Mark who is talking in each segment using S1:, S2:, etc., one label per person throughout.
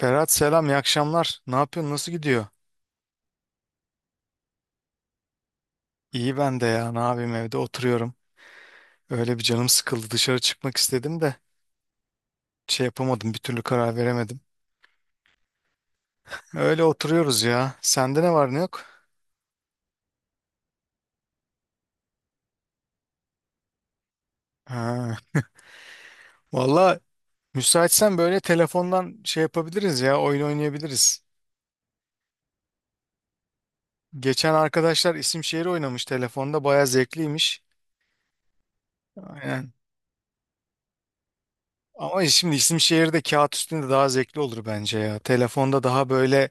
S1: Berat selam, iyi akşamlar. Ne yapıyorsun, nasıl gidiyor? İyi ben de ya, ne yapayım evde oturuyorum. Öyle bir canım sıkıldı, dışarı çıkmak istedim de şey yapamadım, bir türlü karar veremedim. Öyle oturuyoruz ya. Sende ne var ne yok? Ha. Valla müsaitsen böyle telefondan şey yapabiliriz ya, oyun oynayabiliriz. Geçen arkadaşlar isim şehir oynamış telefonda, baya zevkliymiş. Aynen. Ama şimdi isim şehir de kağıt üstünde daha zevkli olur bence ya. Telefonda daha böyle.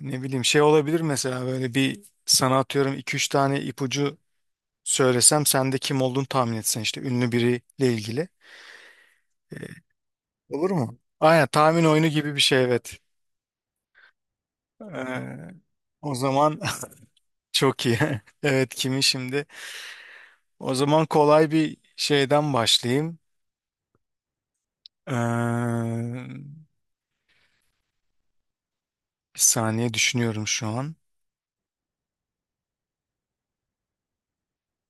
S1: Ne bileyim şey olabilir mesela böyle bir sana atıyorum 2-3 tane ipucu söylesem sen de kim olduğunu tahmin etsen işte ünlü biriyle ilgili. Olur mu? Aynen tahmin oyunu gibi bir şey evet. Ee, o zaman çok iyi. Evet kimi şimdi? O zaman kolay bir şeyden başlayayım. Ee, bir saniye düşünüyorum şu an.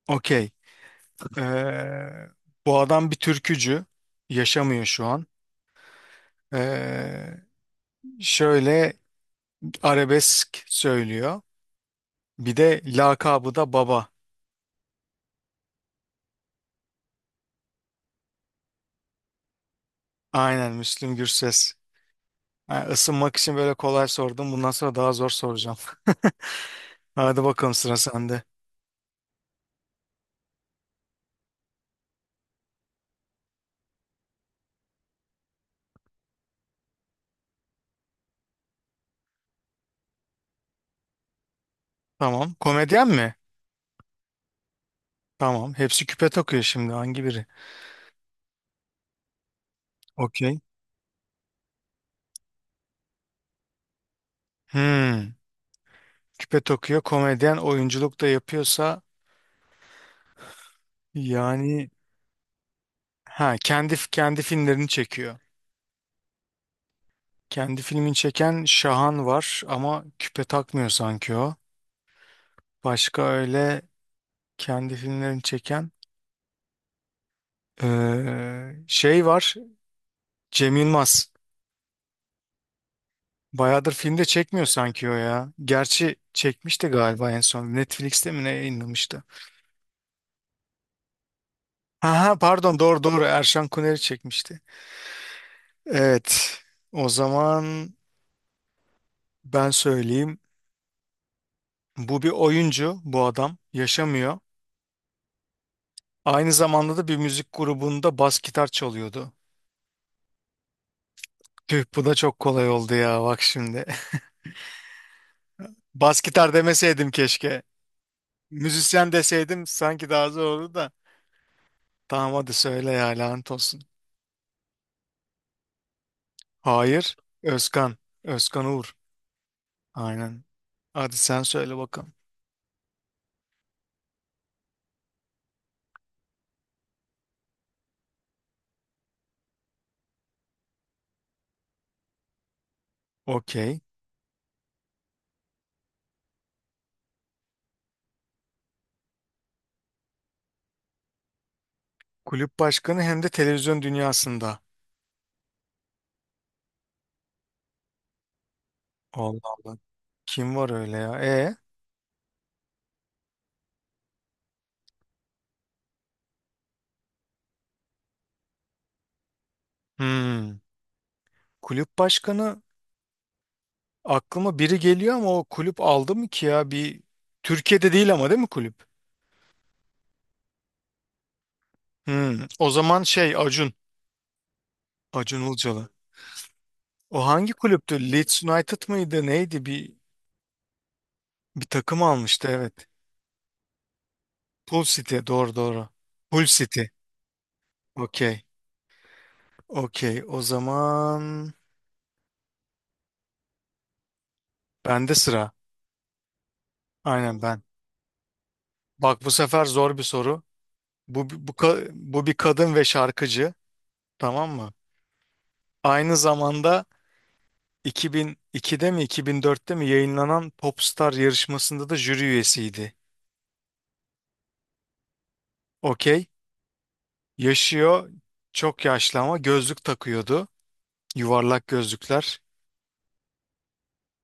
S1: Okey. Ee, bu adam bir türkücü. Yaşamıyor şu an. Ee, şöyle arabesk söylüyor. Bir de lakabı da baba. Aynen Müslüm Gürses. Ha, ısınmak için böyle kolay sordum. Bundan sonra daha zor soracağım. Hadi bakalım sıra sende. Tamam. Komedyen mi? Tamam. Hepsi küpe takıyor şimdi. Hangi biri? Okey. Hmm. Küpe takıyor. Komedyen oyunculuk da yapıyorsa yani ha kendi filmlerini çekiyor. Kendi filmini çeken Şahan var ama küpe takmıyor sanki o. Başka öyle kendi filmlerini çeken şey var Cem Yılmaz. Bayağıdır filmde çekmiyor sanki o ya. Gerçi çekmişti galiba en son. Netflix'te mi ne yayınlamıştı? Aha pardon doğru doğru Erşan Kuneri çekmişti. Evet o zaman ben söyleyeyim. Bu bir oyuncu bu adam yaşamıyor. Aynı zamanda da bir müzik grubunda bas gitar çalıyordu. Tüh bu da çok kolay oldu ya bak şimdi. Bas gitar demeseydim keşke. Müzisyen deseydim sanki daha zor olurdu da. Tamam hadi söyle ya lanet olsun. Hayır. Özkan. Özkan Uğur. Aynen. Hadi sen söyle bakalım. Okey. Kulüp başkanı hem de televizyon dünyasında. Allah Allah. Kim var öyle ya? E. Hmm. Kulüp başkanı aklıma biri geliyor ama o kulüp aldı mı ki ya? Bir Türkiye'de değil ama değil mi kulüp? Hmm. O zaman şey Acun. Acun Ilıcalı. O hangi kulüptü? Leeds United mıydı? Neydi? Bir takım almıştı evet. Pool City. Doğru doğru. Pool City. Okey. Okey. O zaman bende sıra. Aynen ben. Bak bu sefer zor bir soru. Bu bir kadın ve şarkıcı. Tamam mı? Aynı zamanda 2002'de mi 2004'te mi yayınlanan Popstar yarışmasında da jüri üyesiydi. Okey. Yaşıyor. Çok yaşlı ama gözlük takıyordu. Yuvarlak gözlükler.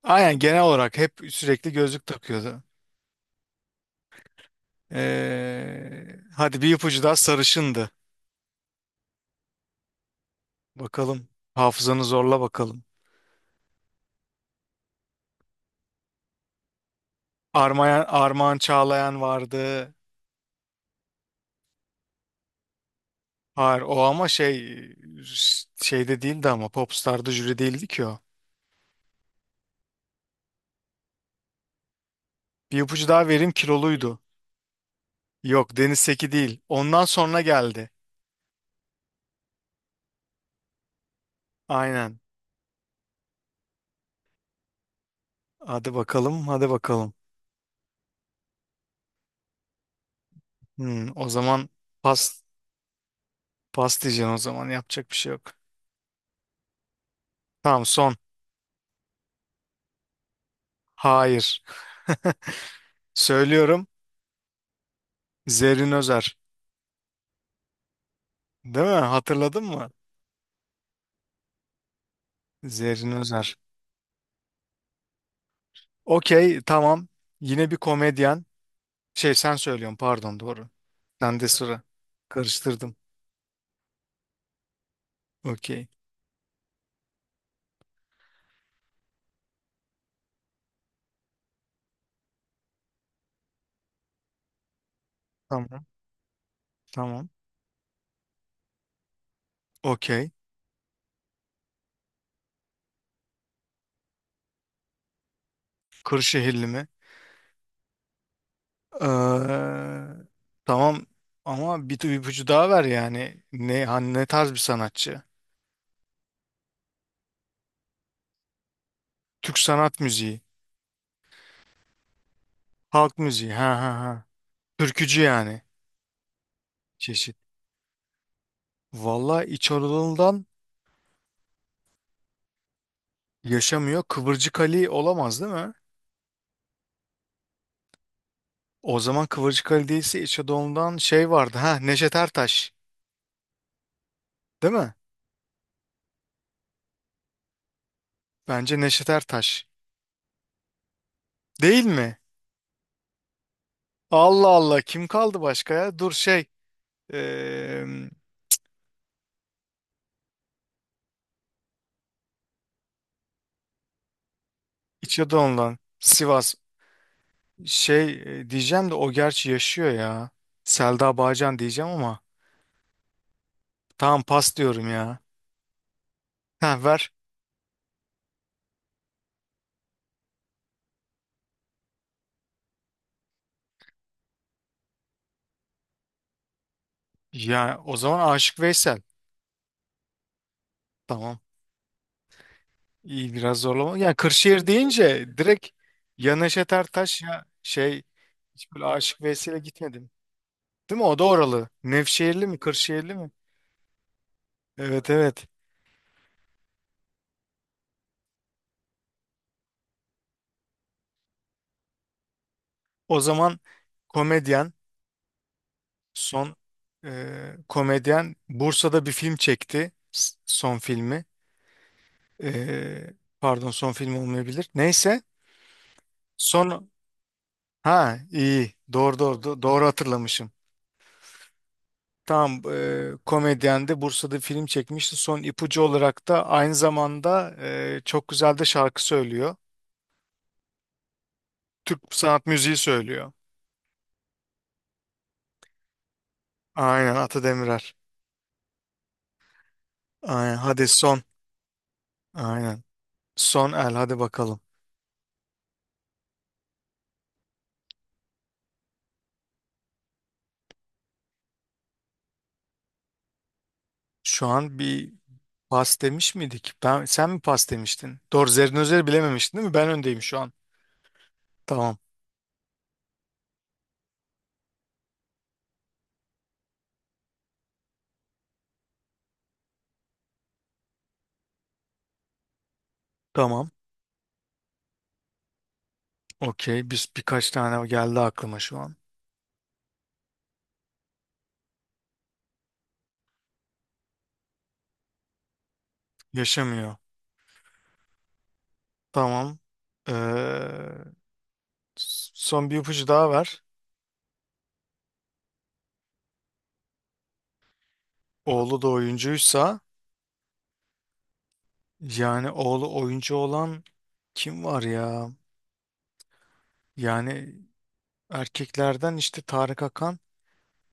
S1: Aynen genel olarak hep sürekli gözlük takıyordu. Hadi bir ipucu daha sarışındı. Bakalım. Hafızanı zorla bakalım. Armayan, Armağan Çağlayan vardı. Hayır o ama şey şeyde değildi ama Popstar'da jüri değildi ki o. Bir ipucu daha vereyim kiloluydu. Yok Deniz Seki değil. Ondan sonra geldi. Aynen. Hadi bakalım hadi bakalım. Hmm, o zaman pas, pas diyeceksin o zaman yapacak bir şey yok. Tamam son. Hayır. Söylüyorum. Zerrin Özer. Değil mi? Hatırladın mı? Zerrin Özer. Okey, tamam. Yine bir komedyen. Şey sen söylüyorsun pardon doğru. Sen de sıra. Karıştırdım. Okey. Tamam. Tamam. Okey. Kırşehirli mi? Ee, tamam ama bir ipucu daha ver yani. Ne, hani ne tarz bir sanatçı? Türk sanat müziği. Halk müziği. Ha ha ha. Türkücü yani. Çeşit. Vallahi İç Anadolu'dan yaşamıyor. Kıvırcık Ali olamaz değil mi? O zaman Kıvırcık Ali değilse İç Anadolu'dan şey vardı. Ha Neşet Ertaş. Değil mi? Bence Neşet Ertaş. Değil mi? Allah Allah kim kaldı başka ya? Dur şey eee İç Anadolu'dan Sivas. Şey diyeceğim de o gerçi yaşıyor ya. Selda Bağcan diyeceğim ama tamam pas diyorum ya. Ha ver. Ya o zaman Aşık Veysel. Tamam. İyi biraz zorlama. Ya Kırşehir deyince direkt ya Neşet Ertaş ya şey hiç böyle Aşık Veysel'e gitmedim. Değil mi? O da oralı. Nevşehirli mi? Kırşehirli mi? Evet evet. O zaman komedyen son komedyen Bursa'da bir film çekti. Son filmi. E, pardon son film olmayabilir. Neyse. Son ha iyi. Doğru doğru doğru hatırlamışım. Tam komedyen de Bursa'da bir film çekmişti. Son ipucu olarak da aynı zamanda çok güzel de şarkı söylüyor. Türk sanat müziği söylüyor. Aynen Ata Demirer. Aynen hadi son. Aynen. Son el hadi bakalım. Şu an bir pas demiş miydik? Ben, sen mi pas demiştin? Doğru Zerrinözer'i bilememiştin değil mi? Ben öndeyim şu an. Tamam. Tamam. Okey. Biz birkaç tane geldi aklıma şu an. Yaşamıyor. Tamam. Ee, son bir ipucu daha ver. Oğlu da oyuncuysa yani oğlu oyuncu olan kim var ya? Yani erkeklerden işte Tarık Akan.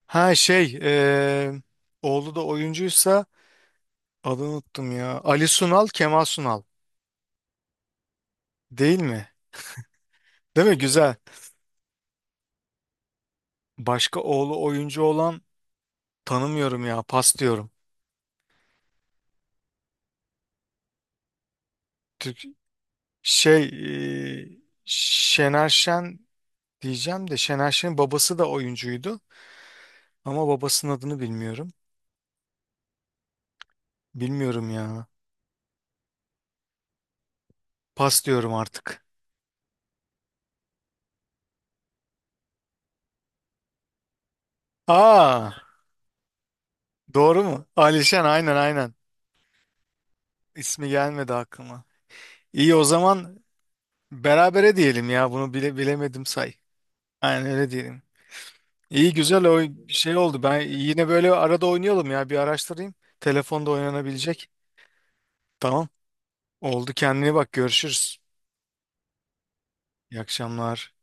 S1: Ha şey oğlu da oyuncuysa adını unuttum ya. Ali Sunal, Kemal Sunal. Değil mi? Değil mi? Güzel. Başka oğlu oyuncu olan tanımıyorum ya. Pas diyorum. Türk şey e, Şener Şen diyeceğim de Şener Şen'in babası da oyuncuydu. Ama babasının adını bilmiyorum. Bilmiyorum ya. Pas diyorum artık. Aa, doğru mu? Ali aynen aynen. İsmi gelmedi aklıma. İyi o zaman berabere diyelim ya. Bunu bile bilemedim say. Aynen öyle diyelim. İyi güzel o şey oldu. Ben yine böyle arada oynayalım ya. Bir araştırayım. Telefonda oynanabilecek. Tamam. Oldu kendine bak. Görüşürüz. İyi akşamlar.